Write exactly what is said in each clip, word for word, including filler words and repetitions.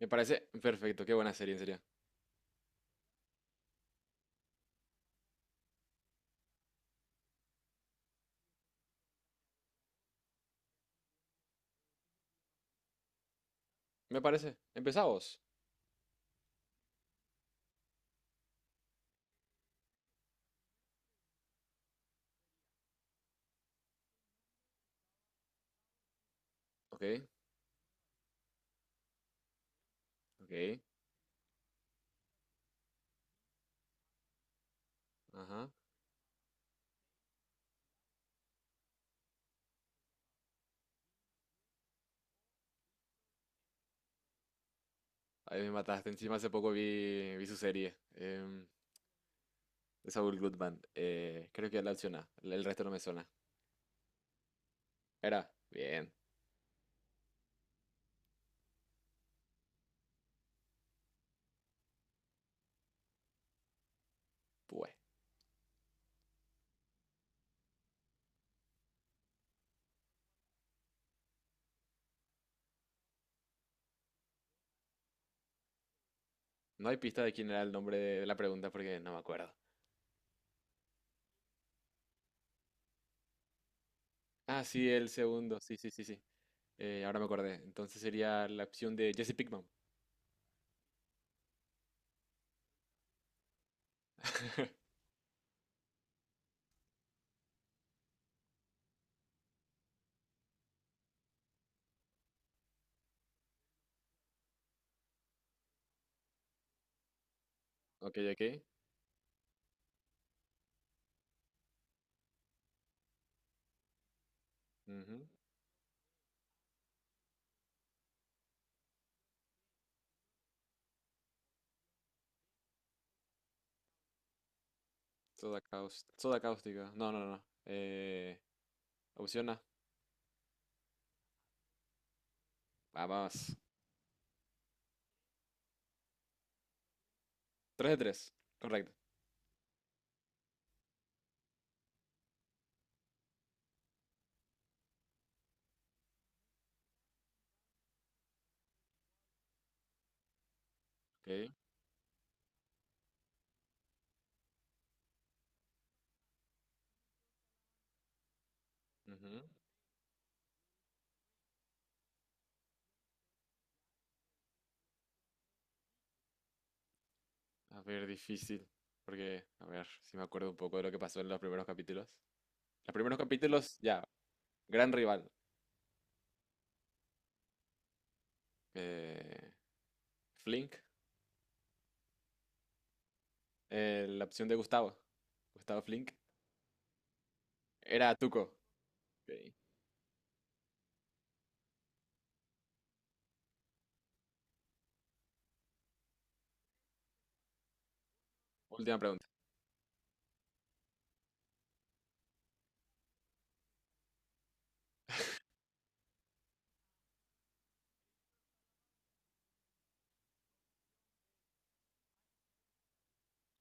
Me parece perfecto, qué buena serie, en serio. Me parece. Empezá vos. Ok, ok, ajá. Ahí me mataste. Encima hace poco vi, vi su serie. Em, de Saul Goodman. Eh, creo que la opción A. El el resto no me suena. Era. Bien, pues. No hay pista de quién era el nombre de la pregunta porque no me acuerdo. Ah, sí, el segundo. Sí, sí, sí, sí. Eh, ahora me acordé. Entonces sería la opción de Jesse Pinkman. Ok, ok. Ujú. Soda caus- soda cáustica. No, no, no. No. Eh, opción A. Vamos. Tres de tres, correcto. Ok. Ujú. A ver, difícil. Porque, a ver, si me acuerdo un poco de lo que pasó en los primeros capítulos. Los primeros capítulos, ya, gran rival. eh, Flink, eh, la opción de Gustavo. Gustavo Flink. Era Tuco. Ok, última pregunta.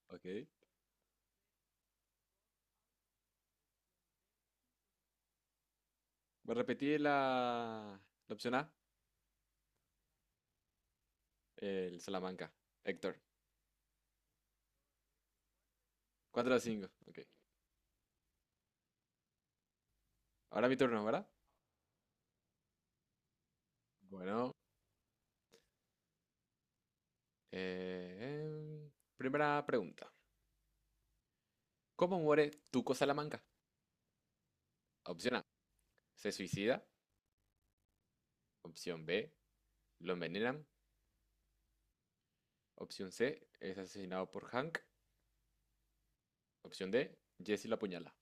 Ok. Voy a repetir la, la opción A. El Salamanca. Héctor. Cuatro a cinco. Ok. Ahora mi turno, ¿verdad? Bueno. eh, em, Primera pregunta. ¿Cómo muere Tuco Salamanca? Opción A, se suicida. Opción B, lo envenenan. Opción C, es asesinado por Hank. Opción D, Jesse lo apuñala.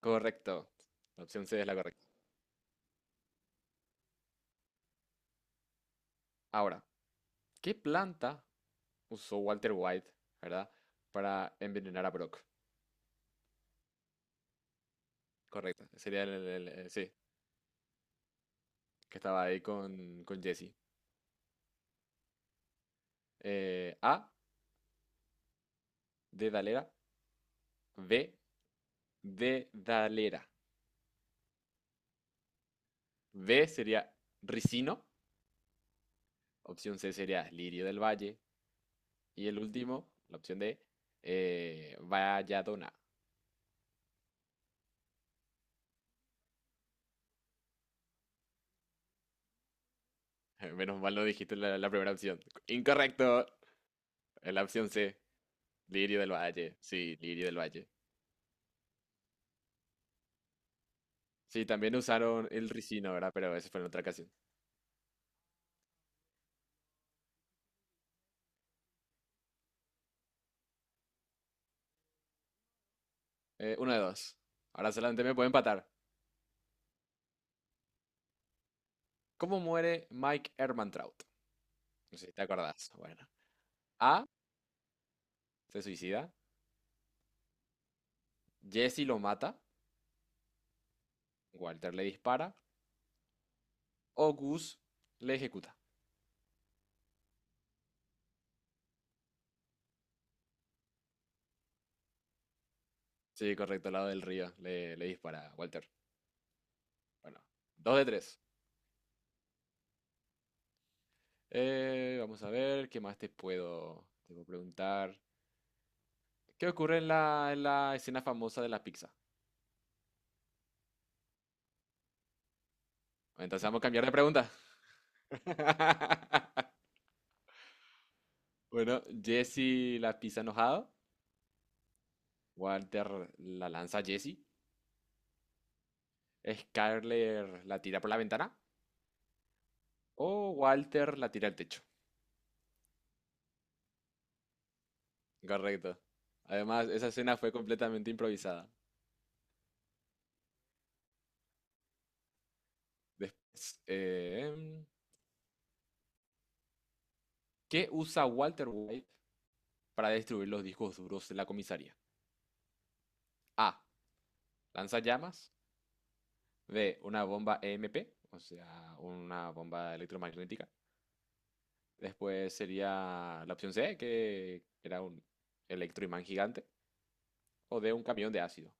Correcto. La opción C es la correcta. Ahora, ¿qué planta usó Walter White, verdad, para envenenar a Brock? Correcto. Sería el, el- el- sí, que estaba ahí con, con Jesse. Eh, A, de B, de B sería ricino. Opción C sería lirio del valle. Y el último, la opción D, eh, Valladona. Menos mal no dijiste la, la primera opción. Incorrecto. Eh, La opción C, lirio del valle. Sí, lirio del valle. Sí, también usaron el ricino, ¿verdad? Pero eso fue en otra ocasión. Eh, uno de dos. Ahora solamente me puedo empatar. ¿Cómo muere Mike Hermantraut? No sé si te acordás. Bueno. A. Se suicida. Jesse lo mata. Walter le dispara. O Gus le ejecuta. Sí, correcto, al lado del río. Le, le dispara a Walter. Bueno, dos de tres. Eh, vamos a ver, ¿qué más te puedo, te puedo preguntar? ¿Qué ocurre en la, en la escena famosa de la pizza? Entonces vamos a cambiar de pregunta. Bueno, Jesse la pizza enojado, Walter la lanza a Jesse, Skyler la tira por la ventana o Walter la tira al techo. Correcto. Además, esa escena fue completamente improvisada. Después, em, ¿qué usa Walter White para destruir los discos duros de la comisaría? A. Lanza llamas. B, una bomba E M P, o sea, una bomba electromagnética. Después sería la opción C, que era un electroimán gigante. O D, un camión de ácido.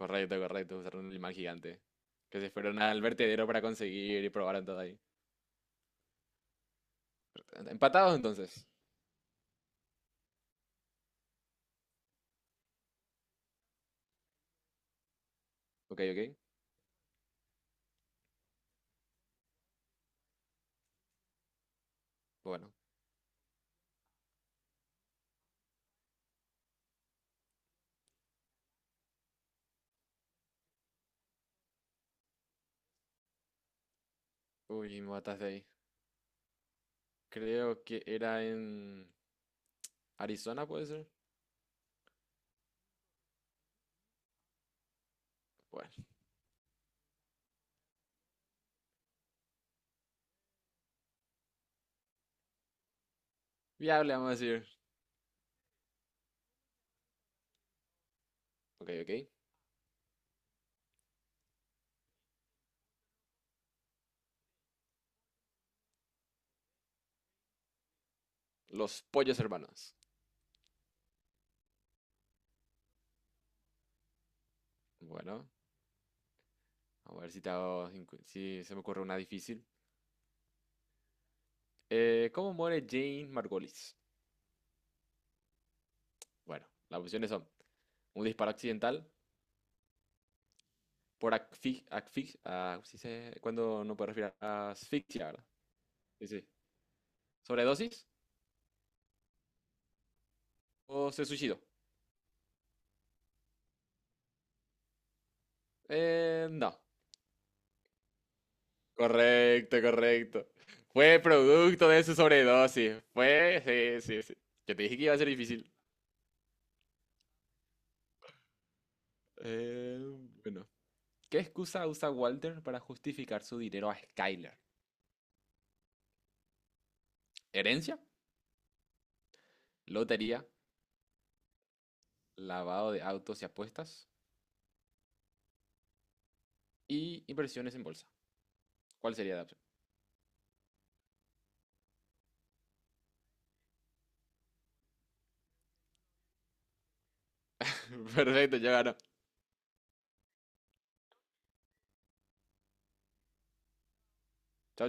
Correcto, correcto, usaron un imán gigante. Que se fueron al vertedero para conseguir y probaron todo ahí. Empatados entonces. Ok, ok. Bueno. Uy, me mataste ahí. Creo que era en Arizona, puede ser. Bueno, viable, vamos a decir. Ok, ok. Los pollos hermanos. Bueno, a ver si te hago, si se me ocurre una difícil. Eh, ¿cómo muere Jane Margolis? Bueno, las opciones son un disparo accidental, por asfixia, cuando no puede respirar, ah, asfixia, ¿verdad? Sí, sí. ¿Sobredosis o se suicidó? Eh, no. Correcto, correcto. Fue producto de su sobredosis. Fue, sí, sí, sí. Yo te dije que iba a ser difícil. Eh, bueno. ¿Qué excusa usa Walter para justificar su dinero a Skyler? ¿Herencia? Lotería, lavado de autos y apuestas y inversiones en bolsa. ¿Cuál sería la opción? Perfecto, ya ganó. Chao, chao.